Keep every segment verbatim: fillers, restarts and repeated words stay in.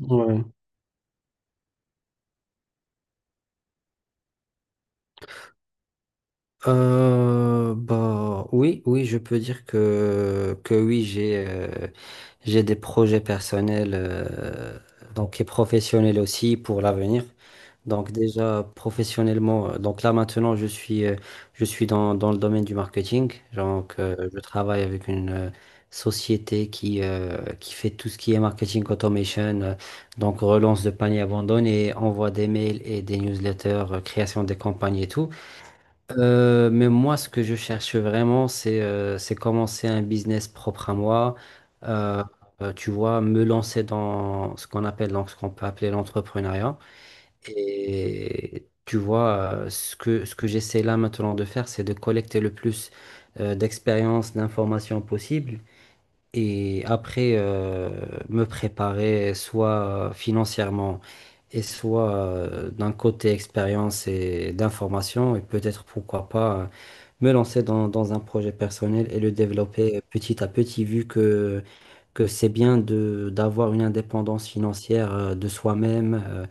Ouais. Euh, bah oui, oui, je peux dire que que oui, j'ai euh, j'ai des projets personnels euh, donc et professionnels aussi pour l'avenir. Donc déjà professionnellement, euh, donc là maintenant je suis euh, je suis dans dans le domaine du marketing. Donc euh, je travaille avec une euh, société qui euh, qui fait tout ce qui est marketing automation, euh, donc relance de panier abandonné, envoi des mails et des newsletters, euh, création des campagnes et tout. Euh, mais moi, ce que je cherche vraiment, c'est euh, c'est commencer un business propre à moi. Euh, euh, Tu vois, me lancer dans ce qu'on appelle, donc, ce qu'on peut appeler l'entrepreneuriat. Et tu vois, euh, ce que, ce que j'essaie là maintenant de faire, c'est de collecter le plus euh, d'expériences, d'informations possibles. Et après, euh, me préparer soit financièrement et soit euh, d'un côté expérience et d'information, et peut-être pourquoi pas me lancer dans, dans un projet personnel et le développer petit à petit, vu que, que c'est bien de d'avoir une indépendance financière euh, de soi-même, euh,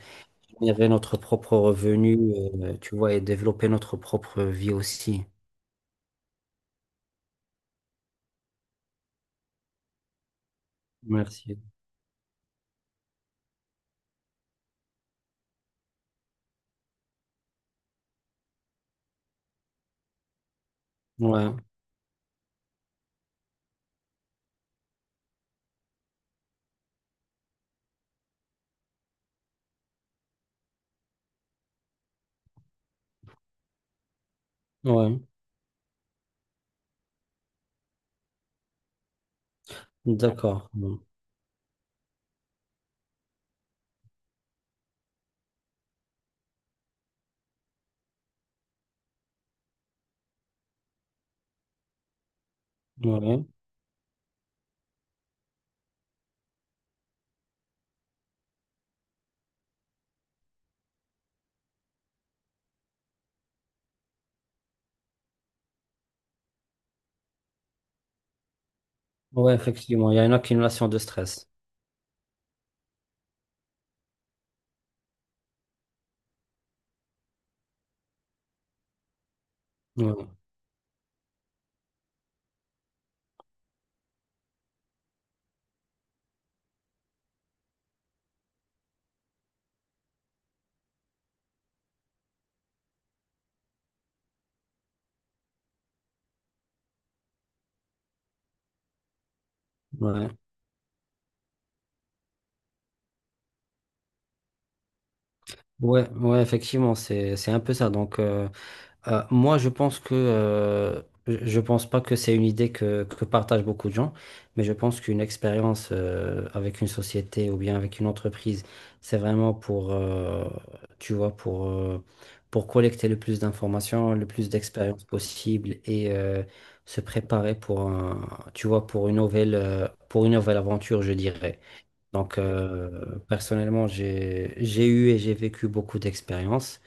générer notre propre revenu, euh, tu vois, et développer notre propre vie aussi. Merci. Ouais, ouais, d'accord. Ouais, ouais, effectivement, il y a une accumulation de stress. Ouais, ouais, ouais, ouais, effectivement, c'est, c'est un peu ça. Donc, euh, Euh, moi, je pense que euh, je je pense pas que c'est une idée que, que partagent beaucoup de gens, mais je pense qu'une expérience euh, avec une société ou bien avec une entreprise, c'est vraiment pour, euh, tu vois, pour, euh, pour collecter le plus d'informations, le plus d'expériences possible et euh, se préparer pour un, tu vois, pour une nouvelle, euh, pour une nouvelle aventure, je dirais. Donc, euh, personnellement, j'ai, j'ai eu et j'ai vécu beaucoup d'expériences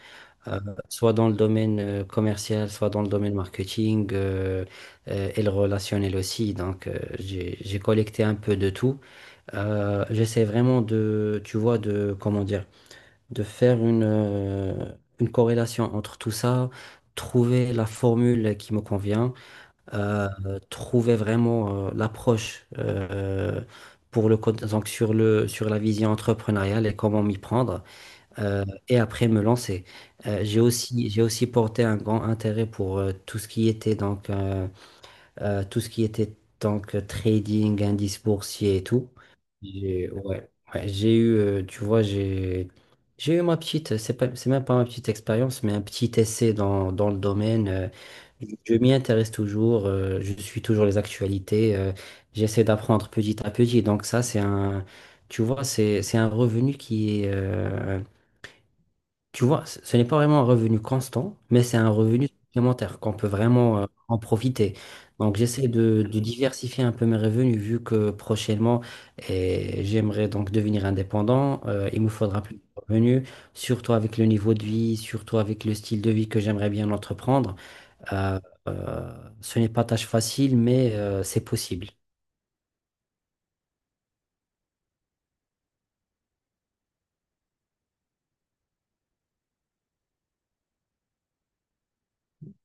euh, soit dans le domaine euh, commercial, soit dans le domaine marketing euh, euh, et le relationnel aussi. Donc, euh, j'ai, j'ai collecté un peu de tout. Euh, j'essaie vraiment de, tu vois, de, comment dire, de faire une, euh, une corrélation entre tout ça, trouver la formule qui me convient, euh, trouver vraiment euh, l'approche. Euh, pour le, co- donc sur le, sur la vision entrepreneuriale et comment m'y prendre euh, et après me lancer. Euh, j'ai aussi, j'ai aussi porté un grand intérêt pour euh, tout ce qui était donc, euh, euh, tout ce qui était donc euh, trading, indice boursier et tout. J'ai, ouais, ouais, j'ai eu, euh, tu vois, j'ai, j'ai eu ma petite, c'est pas, c'est même pas ma petite expérience, mais un petit essai dans, dans le domaine. euh, je je m'y intéresse toujours, euh, je suis toujours les actualités, euh, j'essaie d'apprendre petit à petit. Donc ça, c'est un, tu vois, c'est, c'est un revenu qui est, euh, tu vois, ce ce n'est pas vraiment un revenu constant, mais c'est un revenu supplémentaire qu'on peut vraiment euh, en profiter. Donc, j'essaie de, de diversifier un peu mes revenus vu que prochainement, eh, j'aimerais donc devenir indépendant. Euh, il me faudra plus de revenus, surtout avec le niveau de vie, surtout avec le style de vie que j'aimerais bien entreprendre. Euh, euh, Ce n'est pas tâche facile, mais euh, c'est possible.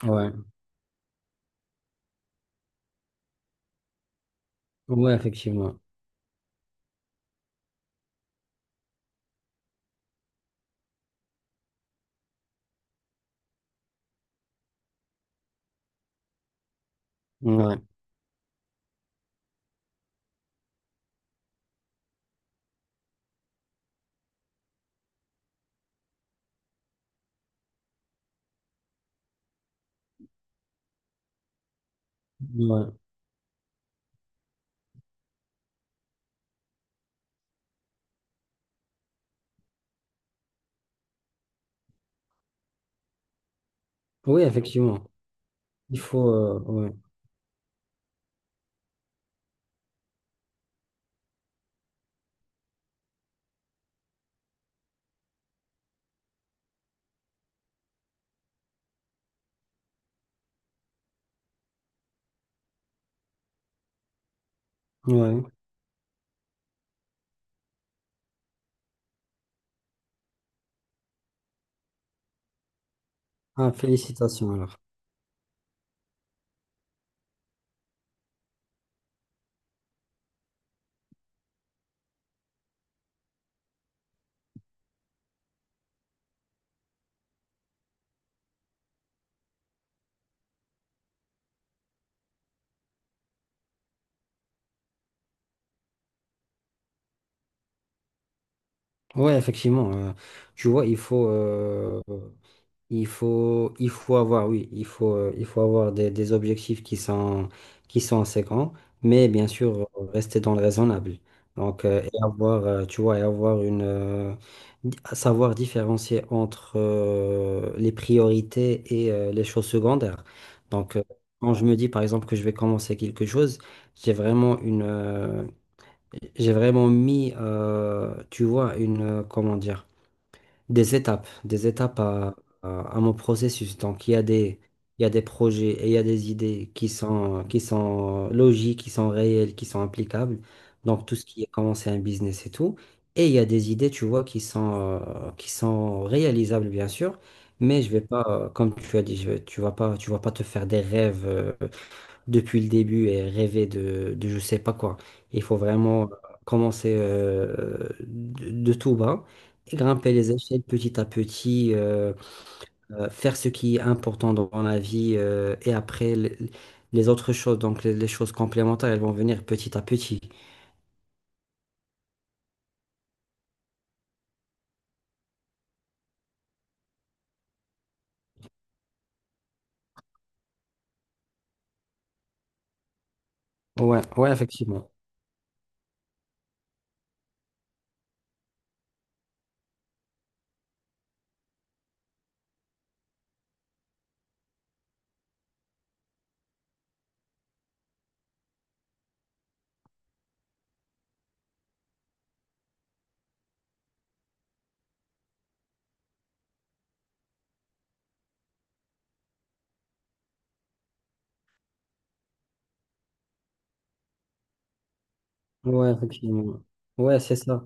Ouais, ouais, effectivement. Ouais, ouais. Oui, effectivement. Il faut. Euh, ouais. Ouais. Ah, félicitations alors. Ouais, effectivement. Euh, tu vois, il faut, euh, il faut, il faut avoir, oui, il faut, euh, il faut avoir des, des objectifs qui sont, qui sont séquents, mais bien sûr, euh, rester dans le raisonnable. Donc, euh, et avoir, euh, tu vois, et avoir une, euh, di- savoir différencier entre euh, les priorités et euh, les choses secondaires. Donc, euh, quand je me dis, par exemple, que je vais commencer quelque chose, j'ai vraiment une, euh, j'ai vraiment mis, euh, tu vois, une, euh, comment dire, des étapes, des étapes à, à, à mon processus. Donc, il y a des, il y a des projets et il y a des idées qui sont, qui sont logiques, qui sont réelles, qui sont applicables. Donc, tout ce qui est commencer un business et tout. Et il y a des idées, tu vois, qui sont, euh, qui sont réalisables, bien sûr. Mais je vais pas, euh, comme tu as dit, je vais- tu vas pas, tu vas pas te faire des rêves. Euh, depuis le début et rêver de, de je sais pas quoi. Il faut vraiment euh, commencer euh, de, de tout bas, et grimper les échelles petit à petit, euh, euh, faire ce qui est important dans la vie euh, et après le- les autres choses, donc les, les choses complémentaires, elles vont venir petit à petit. Ouais, ouais, effectivement. Ouais, effectivement. Ouais, c'est ça.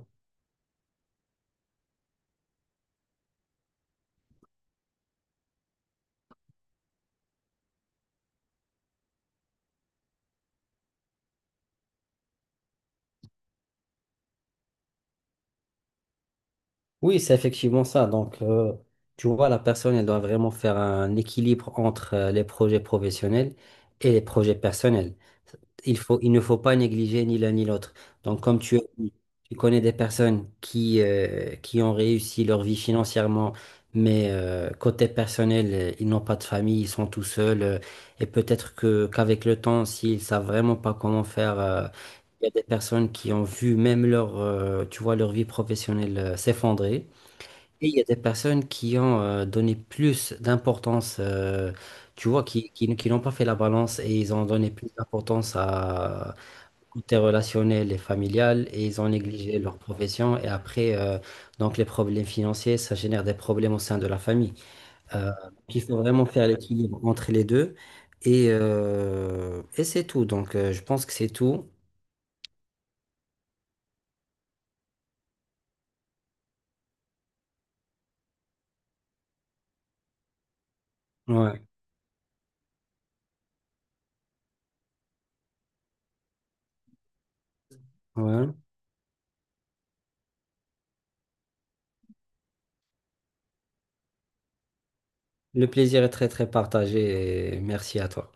Oui, c'est effectivement ça. Donc, euh, tu vois, la personne, elle doit vraiment faire un équilibre entre euh, les projets professionnels et les projets personnels. Il faut, il ne faut pas négliger ni l'un ni l'autre. Donc, comme tu as dit, tu connais des personnes qui, euh, qui ont réussi leur vie financièrement, mais euh, côté personnel, euh, ils n'ont pas de famille, ils sont tout seuls. Euh, et peut-être que qu'avec le temps, s'ils savent vraiment pas comment faire, euh, il y a des personnes qui ont vu même leur, euh, tu vois, leur vie professionnelle euh, s'effondrer. Et il y a des personnes qui ont euh, donné plus d'importance, euh, tu vois, qui, qui, qui n'ont pas fait la balance et ils ont donné plus d'importance à euh, côté relationnel et familial et ils ont négligé leur profession. Et après, euh, donc les problèmes financiers, ça génère des problèmes au sein de la famille. Euh, il faut vraiment faire l'équilibre entre les deux. Et, euh, et c'est tout. Donc, euh, je pense que c'est tout. Ouais, ouais. Le plaisir est très, très partagé et merci à toi.